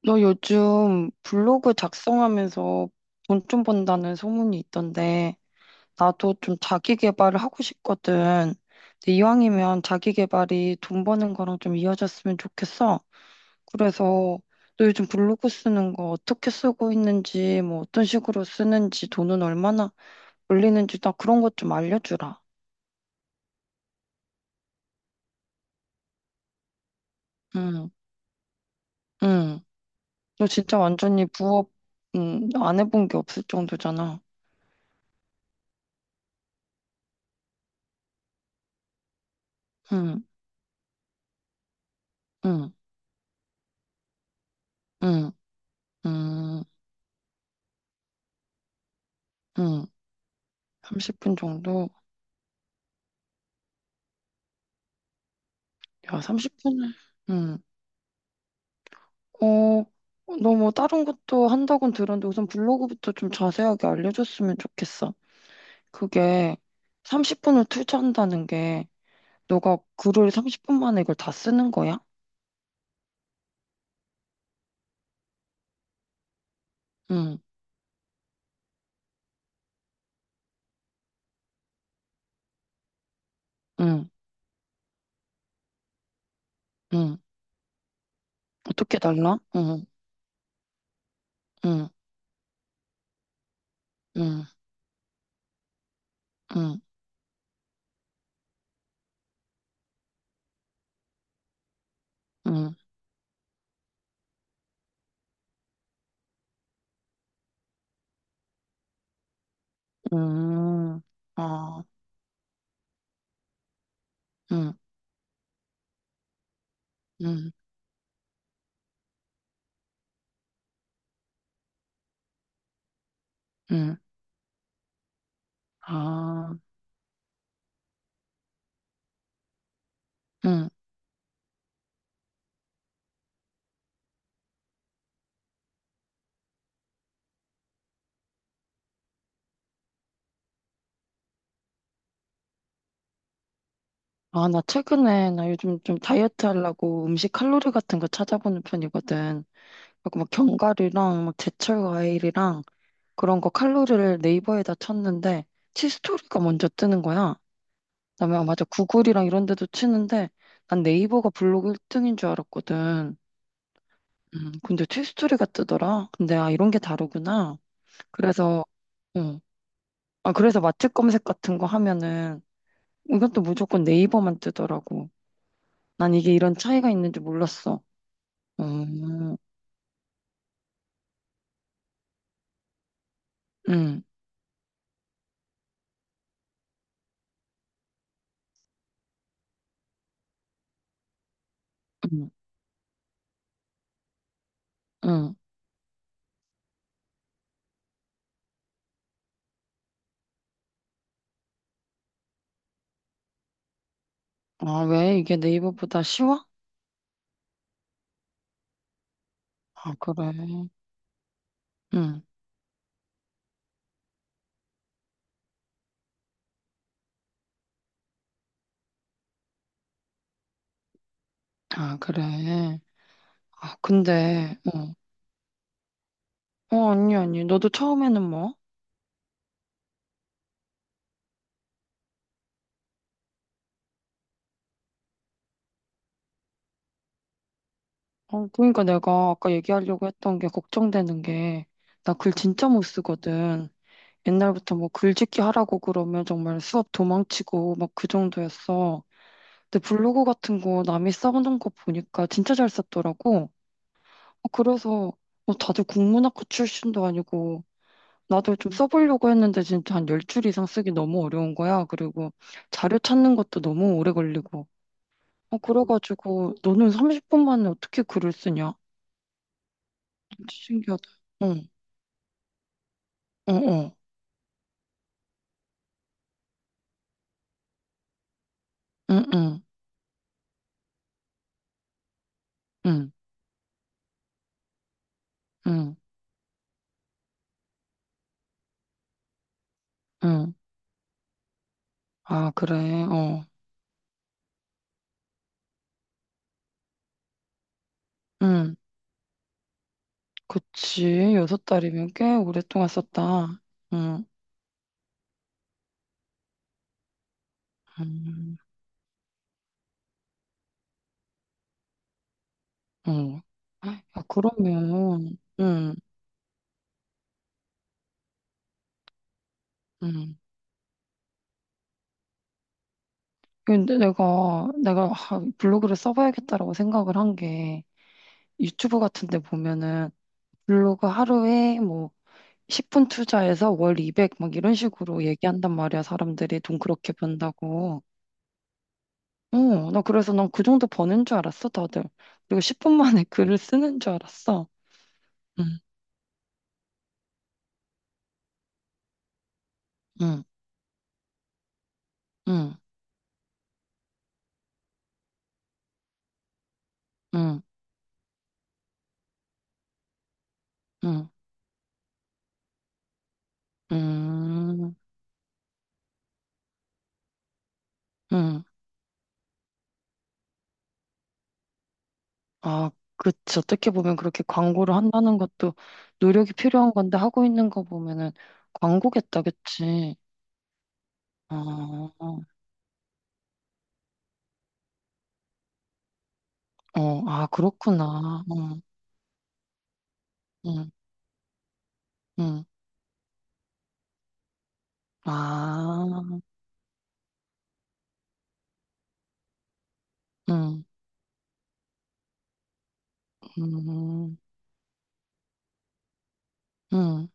너 요즘 블로그 작성하면서 돈 좀 번다는 소문이 있던데, 나도 좀 자기 개발을 하고 싶거든. 근데 이왕이면 자기 개발이 돈 버는 거랑 좀 이어졌으면 좋겠어. 그래서 너 요즘 블로그 쓰는 거 어떻게 쓰고 있는지, 뭐 어떤 식으로 쓰는지, 돈은 얼마나 올리는지 나 그런 것 좀 알려주라. 응, 응. 너 진짜 완전히 부업, 응, 안 해본 게 없을 정도잖아. 응, 응, 응, 응. 응. 30분 정도? 야, 30분은, 음, 어, 너뭐 다른 것도 한다고는 들었는데 우선 블로그부터 좀 자세하게 알려줬으면 좋겠어. 그게 30분을 투자한다는 게 너가 글을 30분 만에 이걸 다 쓰는 거야? 응, 응, 응. 어떻게 달라? 응, 응, 응, 응, 응, 응. 아, 응, 응, 응. 아, 응. 아, 나 최근에, 나 요즘 좀 다이어트 하려고 음식 칼로리 같은 거 찾아보는 편이거든. 그리고 막 견과류랑 막 제철 과일이랑 그런 거 칼로리를 네이버에다 쳤는데 치스토리가 먼저 뜨는 거야. 그다음에 아, 맞아. 구글이랑 이런 데도 치는데 난 네이버가 블로그 1등인 줄 알았거든. 근데 치스토리가 뜨더라. 근데 아, 이런 게 다르구나. 그래서, 응. 아, 그래서 맛집 검색 같은 거 하면은 이것도 무조건 네이버만 뜨더라고. 난 이게 이런 차이가 있는지 몰랐어. 음, 음, 음, 음. 아, 왜? 이게 네이버보다 쉬워? 아, 그래. 음, 아, 그래. 아, 근데, 어, 어, 아니, 아니. 너도 처음에는 뭐? 어, 그러니까 내가 아까 얘기하려고 했던 게 걱정되는 게, 나 글 진짜 못 쓰거든. 옛날부터 뭐 글짓기 하라고 그러면 정말 수업 도망치고 막 그 정도였어. 근데 블로그 같은 거 남이 써놓은 거 보니까 진짜 잘 썼더라고. 어, 그래서, 뭐 다들 국문학과 출신도 아니고, 나도 좀 써보려고 했는데 진짜 한 10줄 이상 쓰기 너무 어려운 거야. 그리고 자료 찾는 것도 너무 오래 걸리고. 어, 그래가지고 너는 30분 만에 어떻게 글을 쓰냐? 진짜 신기하다. 응, 어, 어, 응, 응, 응, 응, 응. 아, 그래, 어, 응. 그치. 여섯 달이면 꽤 오랫동안 썼다. 응, 응, 응. 야, 그러면, 응, 응. 근데 내가 아, 블로그를 써봐야겠다라고 생각을 한 게, 유튜브 같은 데 보면은 블로그 하루에 뭐 10분 투자해서 월 200 막 이런 식으로 얘기한단 말이야. 사람들이 돈 그렇게 번다고. 어, 나 그래서 난 그 정도 버는 줄 알았어, 다들. 그리고 10분 만에 글을 쓰는 줄 알았어. 응, 응, 응, 응, 응, 응, 응. 아, 그치. 어떻게 보면 그렇게 광고를 한다는 것도 노력이 필요한 건데 하고 있는 거 보면은 광고겠다, 그치? 아, 어, 어. 아, 그렇구나. 어. 응, 응. 아, 응, 음, 응.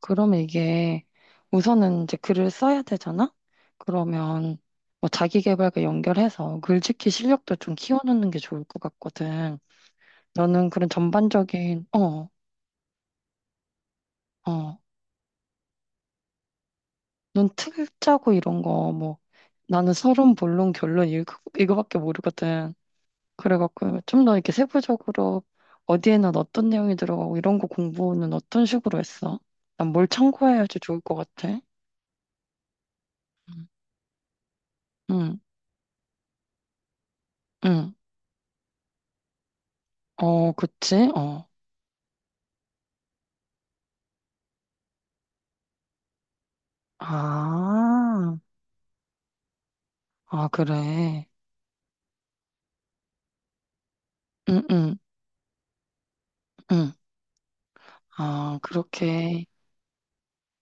그러면 이게 우선은 이제 글을 써야 되잖아? 그러면 뭐 자기계발과 연결해서 글짓기 실력도 좀 키워놓는 게 좋을 것 같거든. 너는 그런 전반적인, 어, 어, 넌틀 짜고 이런 거 뭐 나는 서론, 본론, 결론 이거밖에 모르거든. 그래갖고 좀 더 이렇게 세부적으로 어디에는 어떤 내용이 들어가고 이런 거 공부는 어떤 식으로 했어? 난 뭘 참고해야지 좋을 것 같아? 음. 응, 응. 어, 그치? 어. 아, 아, 그래. 응, 응, 응. 아, 그렇게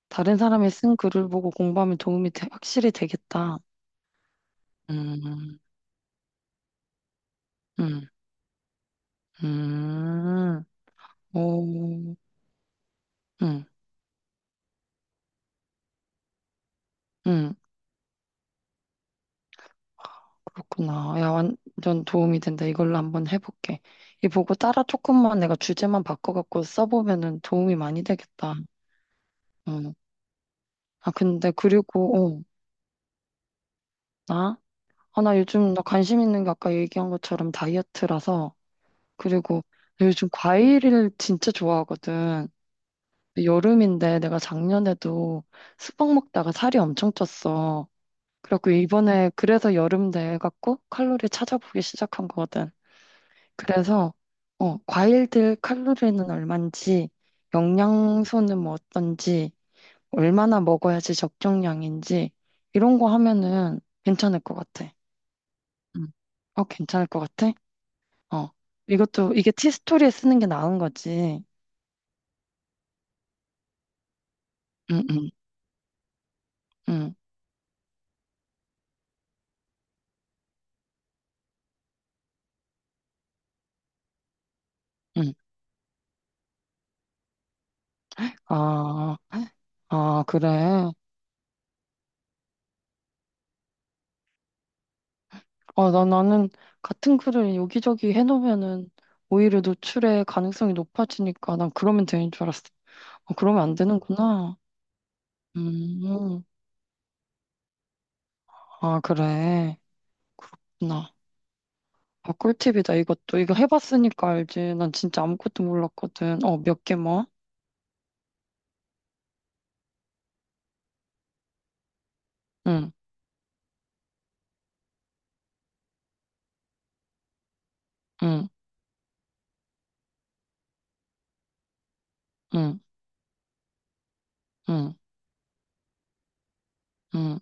다른 사람이 쓴 글을 보고 공부하면 도움이 돼- 확실히 되겠다. 음, 음, 음. 오, 응, 응. 그렇구나. 야, 완전 도움이 된다. 이걸로 한번 해볼게. 이 보고 따라 조금만 내가 주제만 바꿔갖고 써보면은 도움이 많이 되겠다. 응. 아, 근데 그리고, 어, 나? 아, 나 요즘 나 관심 있는 게 아까 얘기한 것처럼 다이어트라서. 그리고 나 요즘 과일을 진짜 좋아하거든. 근데 여름인데 내가 작년에도 수박 먹다가 살이 엄청 쪘어. 그래갖고 이번에 그래서 여름 돼 갖고 칼로리 찾아보기 시작한 거거든. 그래서 어, 과일들 칼로리는 얼만지, 영양소는 뭐 어떤지, 얼마나 먹어야지 적정량인지 이런 거 하면은 괜찮을 것 같아. 응. 어, 괜찮을 것 같아? 어. 이것도 이게 티스토리에 쓰는 게 나은 거지. 응, 응, 응, 응. 아, 아, 그래. 어, 나 나는 같은 글을 여기저기 해놓으면은 오히려 노출의 가능성이 높아지니까 난 그러면 되는 줄 알았어. 어, 그러면 안 되는구나. 음, 아, 그래. 그렇구나. 아, 꿀팁이다, 이것도. 이거 해봤으니까 알지. 난 진짜 아무것도 몰랐거든. 어, 몇 개 뭐? 응, 응, 응, 응, 응,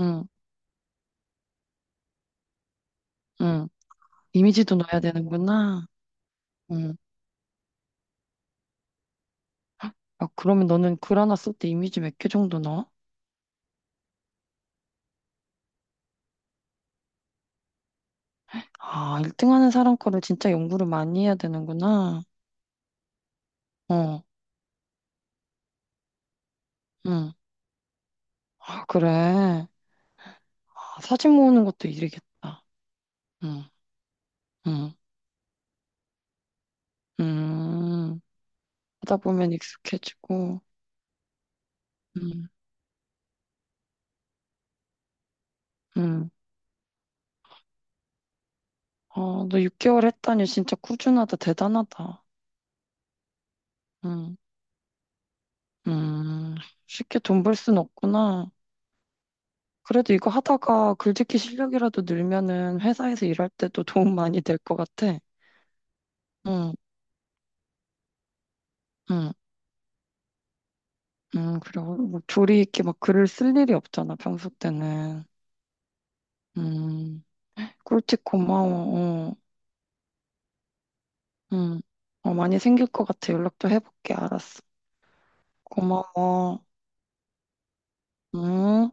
응, 응. 이미지도 넣어야 되는구나. 응. 아, 그러면 너는 글 하나 쓸 때 이미지 몇 개 정도 넣어? 아, 1등 하는 사람 거를 진짜 연구를 많이 해야 되는구나. 어, 응. 아, 그래. 아, 사진 모으는 것도 일이겠다. 응, 응, 음. 하다 보면 익숙해지고. 음. 응 아, 너 6개월 했다니 진짜 꾸준하다, 대단하다. 응 음. 쉽게 돈 벌 순 없구나. 그래도 이거 하다가 글짓기 실력이라도 늘면은 회사에서 일할 때도 도움 많이 될 것 같아. 응, 응, 응. 그리고 뭐 조리 있게 막 글을 쓸 일이 없잖아, 평소 때는. 음. 꿀팁 고마워. 어, 응. 어, 많이 생길 것 같아. 연락 도 해볼게. 알았어. 고마워. 응